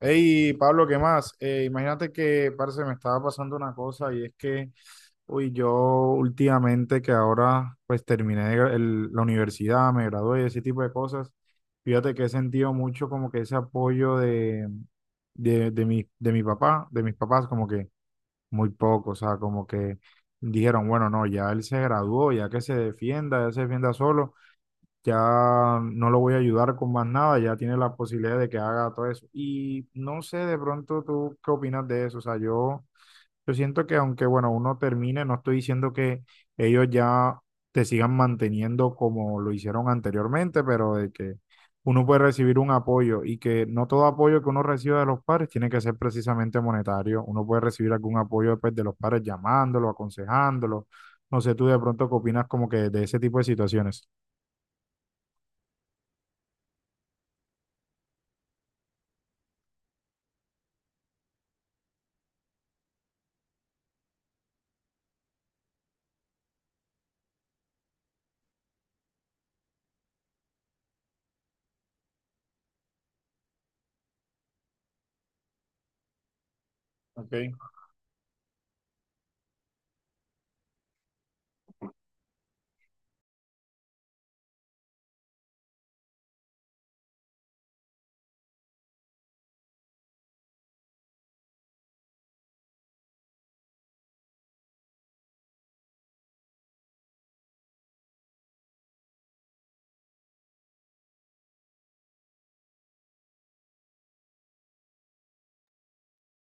Hey, Pablo, ¿qué más? Imagínate que, parce, me estaba pasando una cosa y es que, yo últimamente que ahora pues terminé de gra- el- la universidad, me gradué, ese tipo de cosas, fíjate que he sentido mucho como que ese apoyo de mi papá, de mis papás, como que muy poco, o sea, como que dijeron, bueno, no, ya él se graduó, ya que se defienda, ya se defienda solo, ya no lo voy a ayudar con más nada, ya tiene la posibilidad de que haga todo eso. Y no sé, de pronto tú qué opinas de eso. O sea, yo siento que aunque, bueno, uno termine, no estoy diciendo que ellos ya te sigan manteniendo como lo hicieron anteriormente, pero de que uno puede recibir un apoyo y que no todo apoyo que uno reciba de los padres tiene que ser precisamente monetario. Uno puede recibir algún apoyo pues, de los padres llamándolo, aconsejándolo. No sé, tú de pronto qué opinas como que de ese tipo de situaciones. Ok.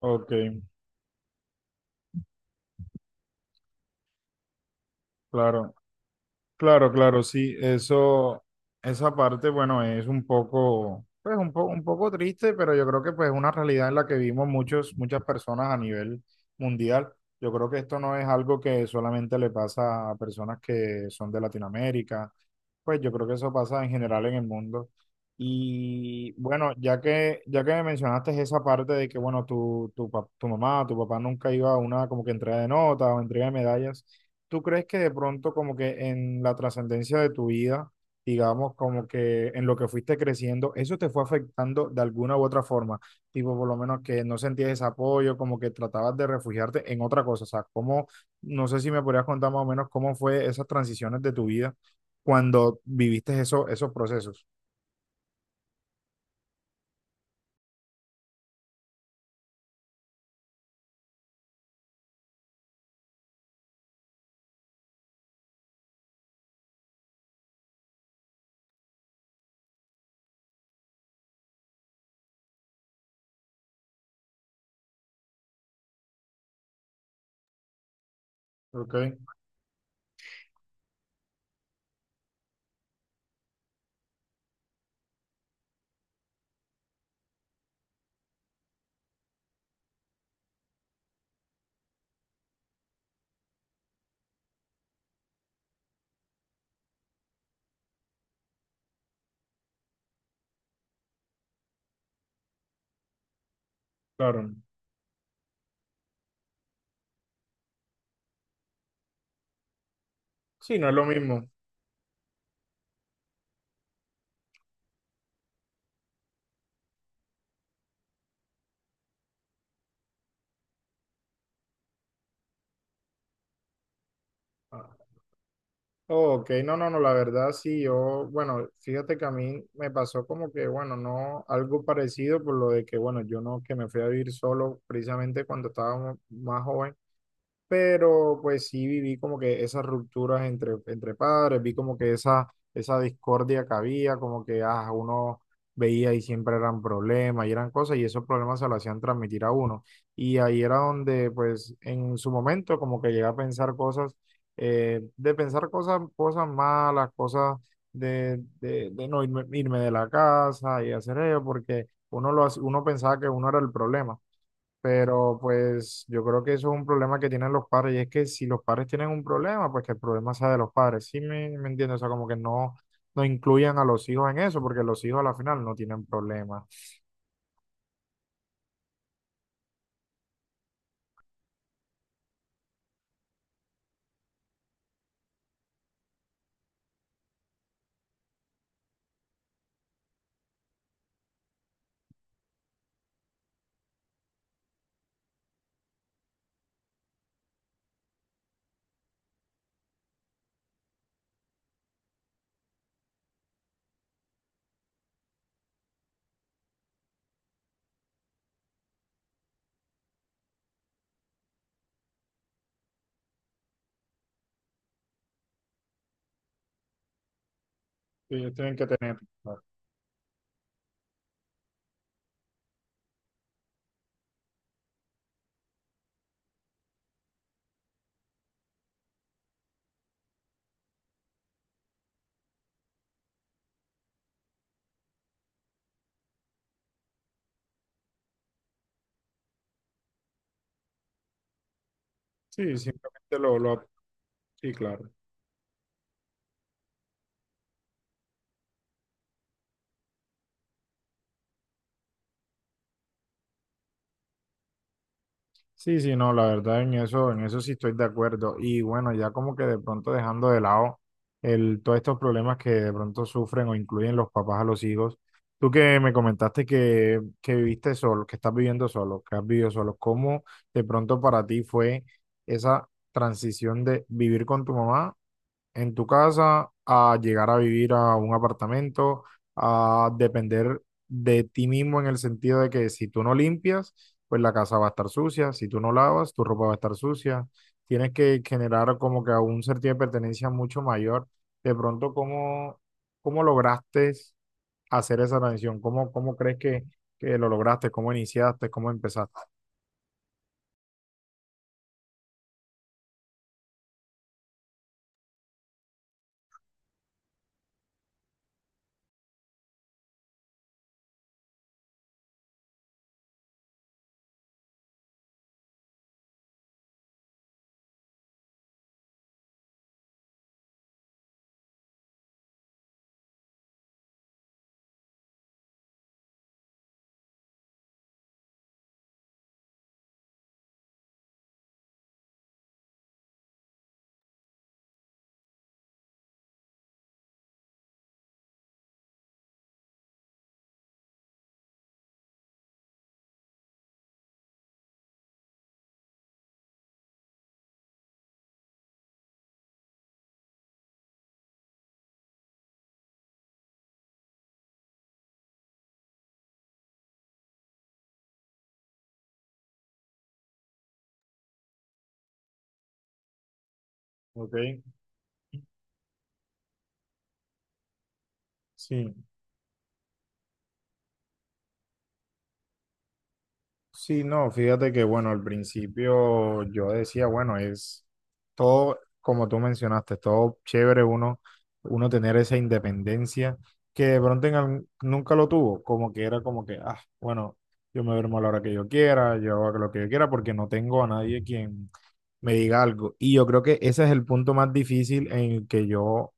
Ok, claro, claro, claro, sí, eso, esa parte, bueno, es un poco, pues un poco triste, pero yo creo que pues es una realidad en la que vivimos muchos, muchas personas a nivel mundial. Yo creo que esto no es algo que solamente le pasa a personas que son de Latinoamérica, pues yo creo que eso pasa en general en el mundo. Y bueno, ya que me mencionaste esa parte de que, bueno, tu mamá, tu papá nunca iba a una como que entrega de notas o entrega de medallas. ¿Tú crees que de pronto como que en la trascendencia de tu vida, digamos como que en lo que fuiste creciendo, eso te fue afectando de alguna u otra forma? Tipo, por lo menos que no sentías ese apoyo, como que tratabas de refugiarte en otra cosa. O sea, ¿cómo, no sé si me podrías contar más o menos cómo fue esas transiciones de tu vida cuando viviste eso, esos procesos? ¿Ok? Claro. Sí, no es lo mismo. Ok, no, no, no, la verdad sí, yo, bueno, fíjate que a mí me pasó como que, bueno, no, algo parecido por lo de que, bueno, yo no, que me fui a vivir solo precisamente cuando estaba más joven, pero pues sí viví como que esas rupturas entre padres, vi como que esa discordia que había, como que ah, uno veía y siempre eran problemas y eran cosas y esos problemas se lo hacían transmitir a uno. Y ahí era donde pues en su momento como que llegué a pensar cosas, de pensar cosas, cosas malas, cosas de no irme de la casa y hacer ello, porque uno, uno pensaba que uno era el problema. Pero pues yo creo que eso es un problema que tienen los padres y es que si los padres tienen un problema, pues que el problema sea de los padres. Me entiendo, o sea, como que no, no incluyan a los hijos en eso, porque los hijos a la final no tienen problemas. Ellos tienen que tener. Claro. Sí, simplemente lo... Sí, claro. Sí, sí, no, la verdad en eso sí estoy de acuerdo. Y bueno, ya como que de pronto dejando de lado todos estos problemas que de pronto sufren o incluyen los papás a los hijos. Tú que me comentaste que viviste solo, que estás viviendo solo, que has vivido solo, ¿cómo de pronto para ti fue esa transición de vivir con tu mamá en tu casa a llegar a vivir a un apartamento, a depender de ti mismo en el sentido de que si tú no limpias, pues la casa va a estar sucia, si tú no lavas, tu ropa va a estar sucia. Tienes que generar como que un sentido de pertenencia mucho mayor. De pronto, ¿cómo, cómo lograste hacer esa transición? ¿Cómo, cómo crees que lo lograste? ¿Cómo iniciaste? ¿Cómo empezaste? Ok, sí. Sí, no, fíjate que bueno, al principio yo decía, bueno, es todo, como tú mencionaste, todo chévere uno, uno tener esa independencia que de pronto en nunca lo tuvo, como que era como que, ah, bueno, yo me duermo a la hora que yo quiera, yo hago lo que yo quiera porque no tengo a nadie quien me diga algo. Y yo creo que ese es el punto más difícil en el que yo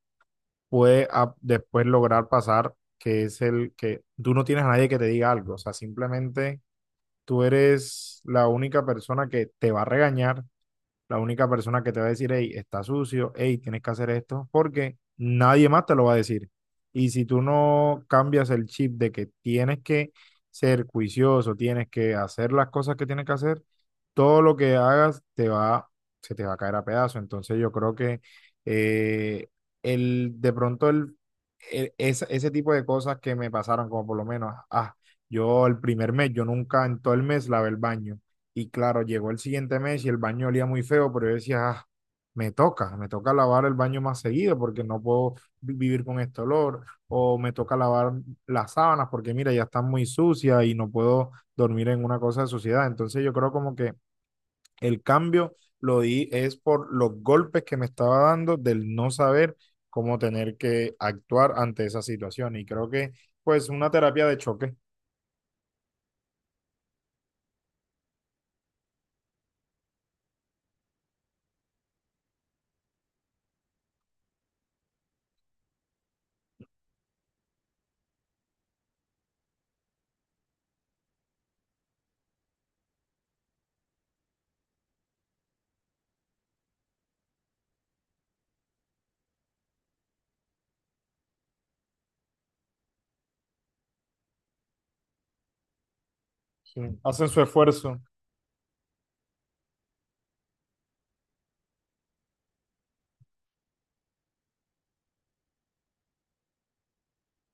pude ah, después lograr pasar, que es el que tú no tienes a nadie que te diga algo, o sea, simplemente tú eres la única persona que te va a regañar, la única persona que te va a decir, hey, está sucio, hey, tienes que hacer esto, porque nadie más te lo va a decir. Y si tú no cambias el chip de que tienes que ser juicioso, tienes que hacer las cosas que tienes que hacer, todo lo que hagas se te va a caer a pedazos. Entonces yo creo que eh, de pronto ese tipo de cosas que me pasaron, como por lo menos, ah, yo el primer mes, yo nunca en todo el mes lavé el baño. Y claro, llegó el siguiente mes y el baño olía muy feo, pero yo decía, "Ah, me toca lavar el baño más seguido porque no puedo vivir con este olor, o me toca lavar las sábanas porque mira, ya están muy sucias y no puedo dormir en una cosa de suciedad. Entonces yo creo como que el cambio lo di es por los golpes que me estaba dando del no saber cómo tener que actuar ante esa situación. Y creo que pues una terapia de choque, sí, hacen su esfuerzo,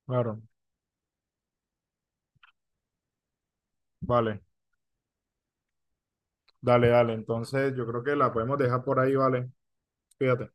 claro, vale. Dale, dale. Entonces, yo creo que la podemos dejar por ahí, ¿vale? Fíjate.